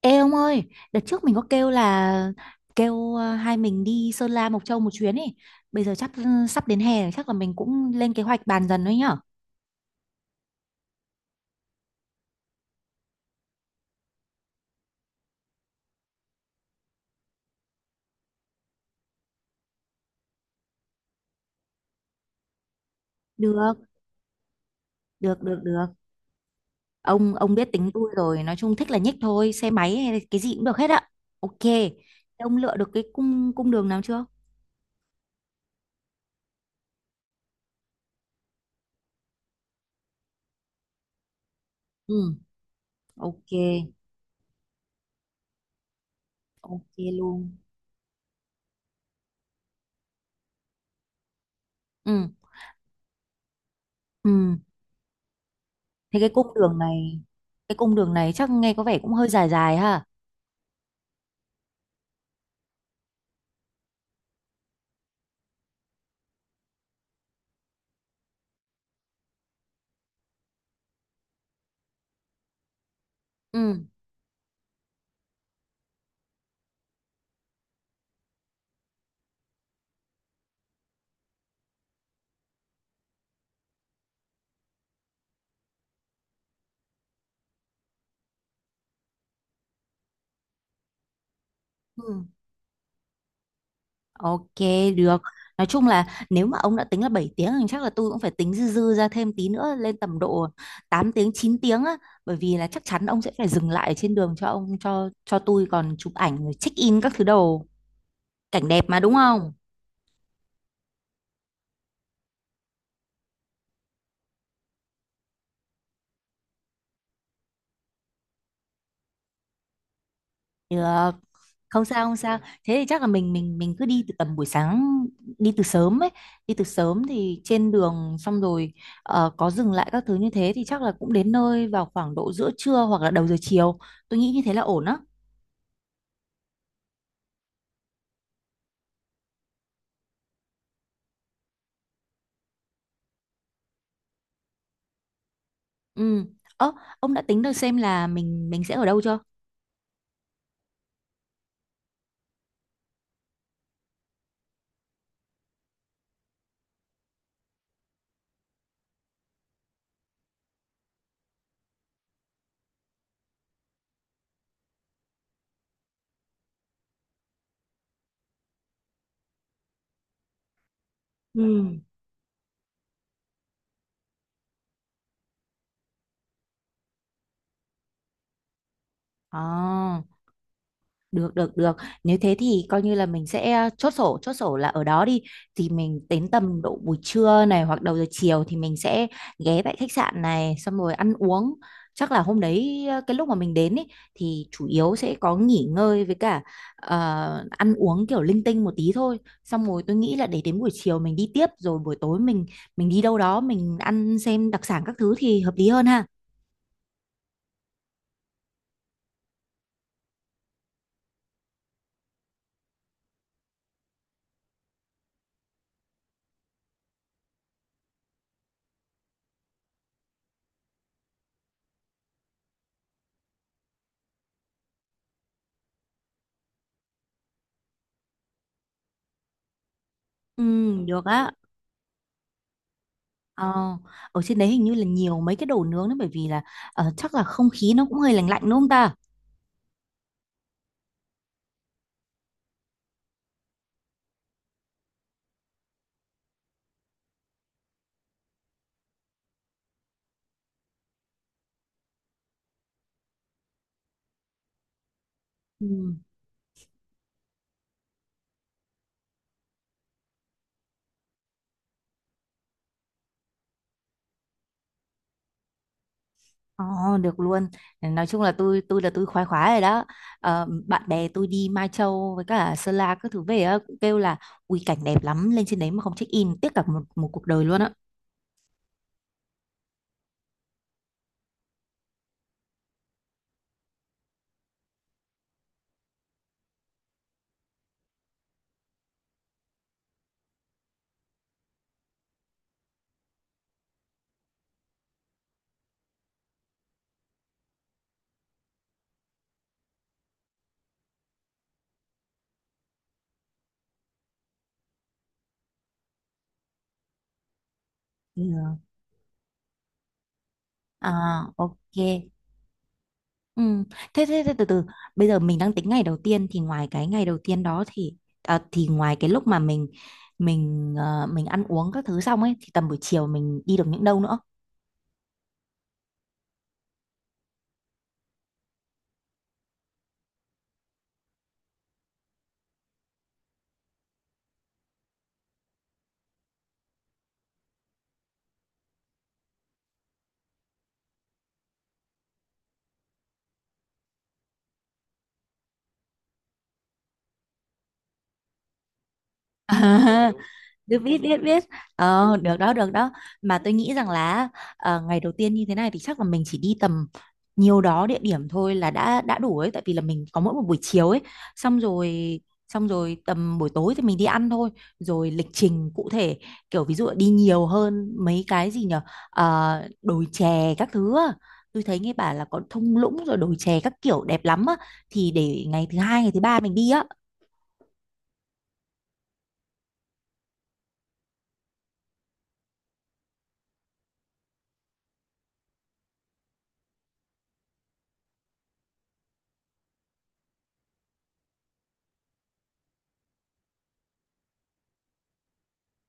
Ê ông ơi, đợt trước mình có kêu là hai mình đi Sơn La Mộc Châu một chuyến ấy. Bây giờ sắp đến hè rồi, chắc là mình cũng lên kế hoạch bàn dần thôi nhở. Được, được. Ông biết tính tôi rồi, nói chung thích là nhích thôi, xe máy hay là cái gì cũng được hết ạ. Ok. Thế ông lựa được cái cung cung đường nào chưa? Ừ, ok, ok luôn. Ừ, ừ. Thế cái cung đường này, cái cung đường này chắc nghe có vẻ cũng hơi dài dài ha. Ừ. Ừ. Ok, được. Nói chung là nếu mà ông đã tính là 7 tiếng thì chắc là tôi cũng phải tính dư dư ra thêm tí nữa lên tầm độ 8 tiếng, 9 tiếng á. Bởi vì là chắc chắn ông sẽ phải dừng lại trên đường cho ông cho tôi còn chụp ảnh rồi check in các thứ đồ. Cảnh đẹp mà đúng không? Được. Không sao. Thế thì chắc là mình cứ đi từ tầm buổi sáng, đi từ sớm ấy, đi từ sớm thì trên đường xong rồi có dừng lại các thứ như thế thì chắc là cũng đến nơi vào khoảng độ giữa trưa hoặc là đầu giờ chiều. Tôi nghĩ như thế là ổn á. Ừ. Ơ, ông đã tính được xem là mình sẽ ở đâu chưa? Ừ. Ờ. Được được được. Nếu thế thì coi như là mình sẽ chốt sổ là ở đó đi. Thì mình đến tầm độ buổi trưa này hoặc đầu giờ chiều thì mình sẽ ghé tại khách sạn này xong rồi ăn uống. Chắc là hôm đấy cái lúc mà mình đến ý, thì chủ yếu sẽ có nghỉ ngơi với cả ăn uống kiểu linh tinh một tí thôi. Xong rồi tôi nghĩ là để đến buổi chiều mình đi tiếp rồi buổi tối mình đi đâu đó mình ăn xem đặc sản các thứ thì hợp lý hơn ha. Ừ, được á. Ờ, ở trên đấy hình như là nhiều mấy cái đồ nướng đấy bởi vì là chắc là không khí nó cũng hơi lạnh lạnh đúng không ta? Ừ. Ờ, được luôn. Nói chung là tôi là tôi khoái khoái rồi đó. Ờ, bạn bè tôi đi Mai Châu với cả Sơn La các thứ về á, cũng kêu là ui cảnh đẹp lắm, lên trên đấy mà không check in tiếc cả một một cuộc đời luôn á. Ừ. À, ok. Ừ. Thế, thế, thế từ từ bây giờ mình đang tính ngày đầu tiên thì ngoài cái ngày đầu tiên đó thì thì ngoài cái lúc mà mình ăn uống các thứ xong ấy thì tầm buổi chiều mình đi được những đâu nữa. À, biết biết Ừ. biết biết Ờ, được đó mà tôi nghĩ rằng là ờ, ngày đầu tiên như thế này thì chắc là mình chỉ đi tầm nhiều đó địa điểm thôi là đã đủ ấy, tại vì là mình có mỗi một buổi chiều ấy, xong rồi xong rồi tầm buổi tối thì mình đi ăn thôi, rồi lịch trình cụ thể kiểu ví dụ là đi nhiều hơn mấy cái gì nhở. Ờ, đồi chè các thứ á. Tôi thấy nghe bảo là có thung lũng rồi đồi chè các kiểu đẹp lắm á, thì để ngày thứ hai ngày thứ ba mình đi á.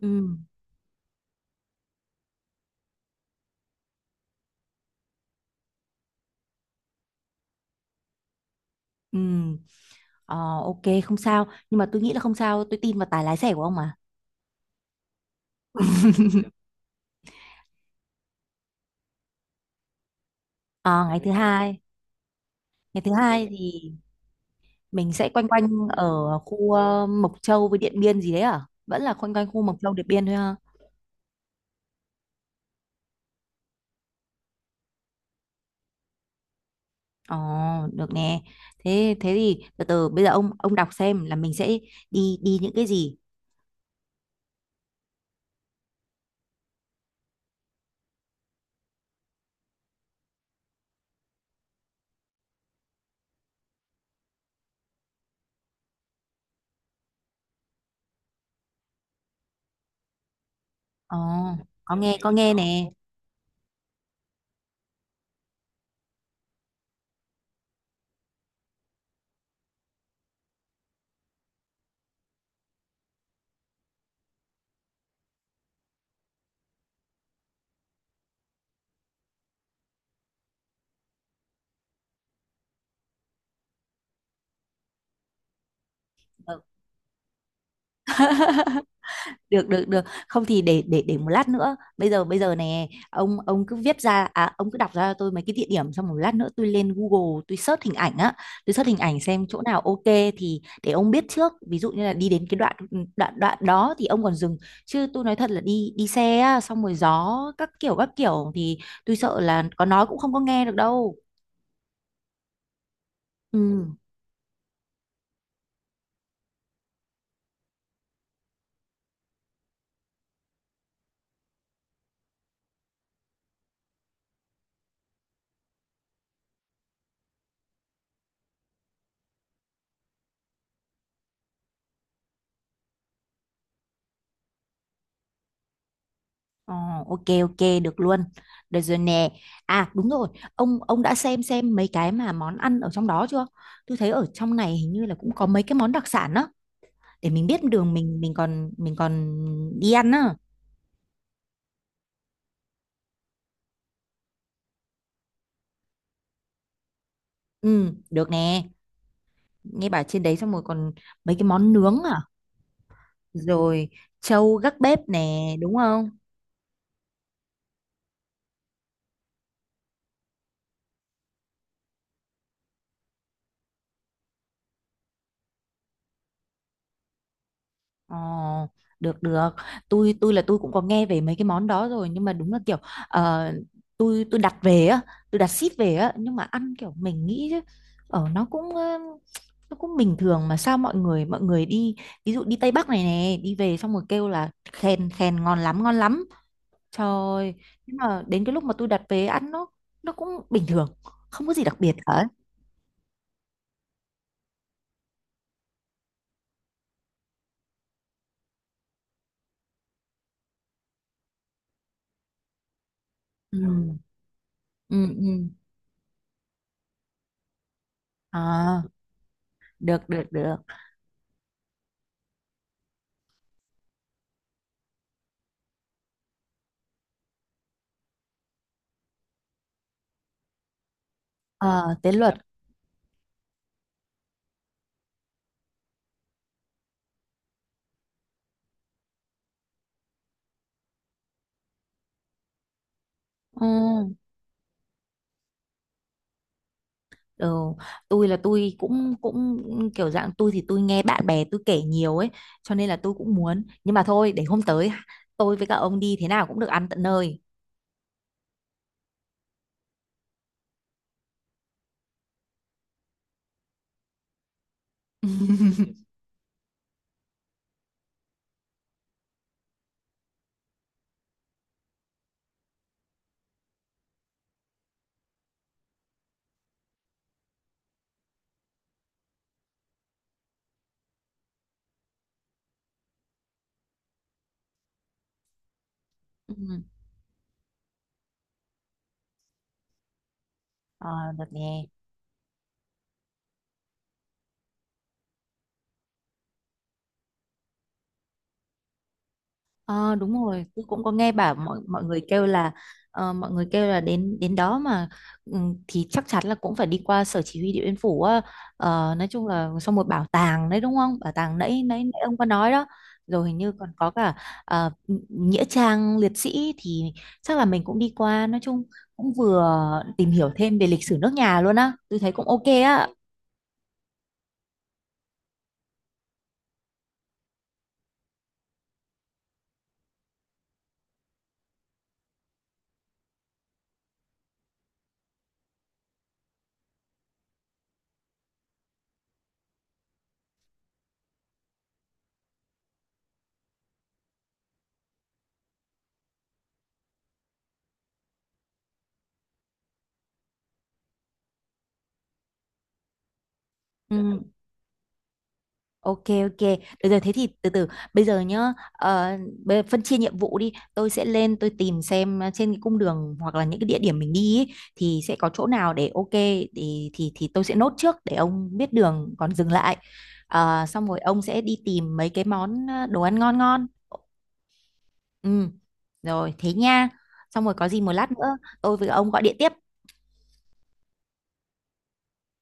Ừ, ừ. Ờ, ok, không sao nhưng mà tôi nghĩ là không sao tôi tin vào tài lái xe của ông mà. Ờ, ngày thứ hai, ngày thứ hai thì mình sẽ quanh quanh ở khu Mộc Châu với Điện Biên gì đấy à, vẫn là quanh quanh khu Mộc Châu Điện Biên thôi ha? Ờ, được nè. Thế thế thì từ từ bây giờ ông đọc xem là mình sẽ đi đi những cái gì. Ờ, có nghe nè. Được. được được được Không thì để một lát nữa, bây giờ nè, ông cứ viết ra, à, ông cứ đọc ra cho tôi mấy cái địa điểm, xong một lát nữa tôi lên Google tôi search hình ảnh á, tôi search hình ảnh xem chỗ nào ok, thì để ông biết trước ví dụ như là đi đến cái đoạn, đoạn đó thì ông còn dừng, chứ tôi nói thật là đi đi xe á, xong rồi gió các kiểu thì tôi sợ là có nói cũng không có nghe được đâu. Ừ. Ờ, ok ok, được luôn. Được rồi nè. À đúng rồi, ông đã xem mấy cái mà món ăn ở trong đó chưa? Tôi thấy ở trong này hình như là cũng có mấy cái món đặc sản á, để mình biết đường mình còn mình còn đi ăn á. Ừ, được nè. Nghe bảo trên đấy xong rồi còn mấy cái món nướng à, rồi trâu gác bếp nè, đúng không? Ờ, được được, tôi là tôi cũng có nghe về mấy cái món đó rồi nhưng mà đúng là kiểu ờ, tôi đặt về á, tôi đặt ship về á nhưng mà ăn kiểu mình nghĩ chứ, ở nó cũng nó cũng bình thường, mà sao mọi người đi ví dụ đi Tây Bắc này nè, đi về xong rồi kêu là khen khen ngon lắm ngon lắm, trời ơi, nhưng mà đến cái lúc mà tôi đặt về ăn nó cũng bình thường, không có gì đặc biệt cả. Ừ, ừ, ừ, à, được được được Ờ, tế luật. Ừ. Ờ, tôi là tôi cũng cũng kiểu dạng tôi thì tôi nghe bạn bè tôi kể nhiều ấy, cho nên là tôi cũng muốn nhưng mà thôi để hôm tới tôi với cả ông đi thế nào cũng được ăn tận nơi. Ừ. Ờ, được nè. Ờ đúng rồi, tôi cũng có nghe bảo mọi mọi người kêu là ờ, mọi người kêu là đến đến đó mà ừ, thì chắc chắn là cũng phải đi qua sở chỉ huy Điện Biên Phủ á. Ờ, nói chung là xong một bảo tàng đấy đúng không? Bảo tàng nãy nãy, nãy ông có nói đó. Rồi hình như còn có cả ờ, nghĩa trang liệt sĩ thì chắc là mình cũng đi qua, nói chung cũng vừa tìm hiểu thêm về lịch sử nước nhà luôn á. Tôi thấy cũng ok á. Ừ. Ok ok, được rồi thế thì từ từ bây giờ nhá, bây giờ phân chia nhiệm vụ đi, tôi sẽ lên tôi tìm xem trên cái cung đường hoặc là những cái địa điểm mình đi ý, thì sẽ có chỗ nào để ok thì thì tôi sẽ nốt trước để ông biết đường còn dừng lại. Ờ, xong rồi ông sẽ đi tìm mấy cái món đồ ăn ngon ngon. Ừ, rồi thế nha. Xong rồi có gì một lát nữa tôi với ông gọi điện tiếp.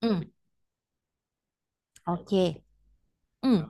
Ừ, ok. Ừ.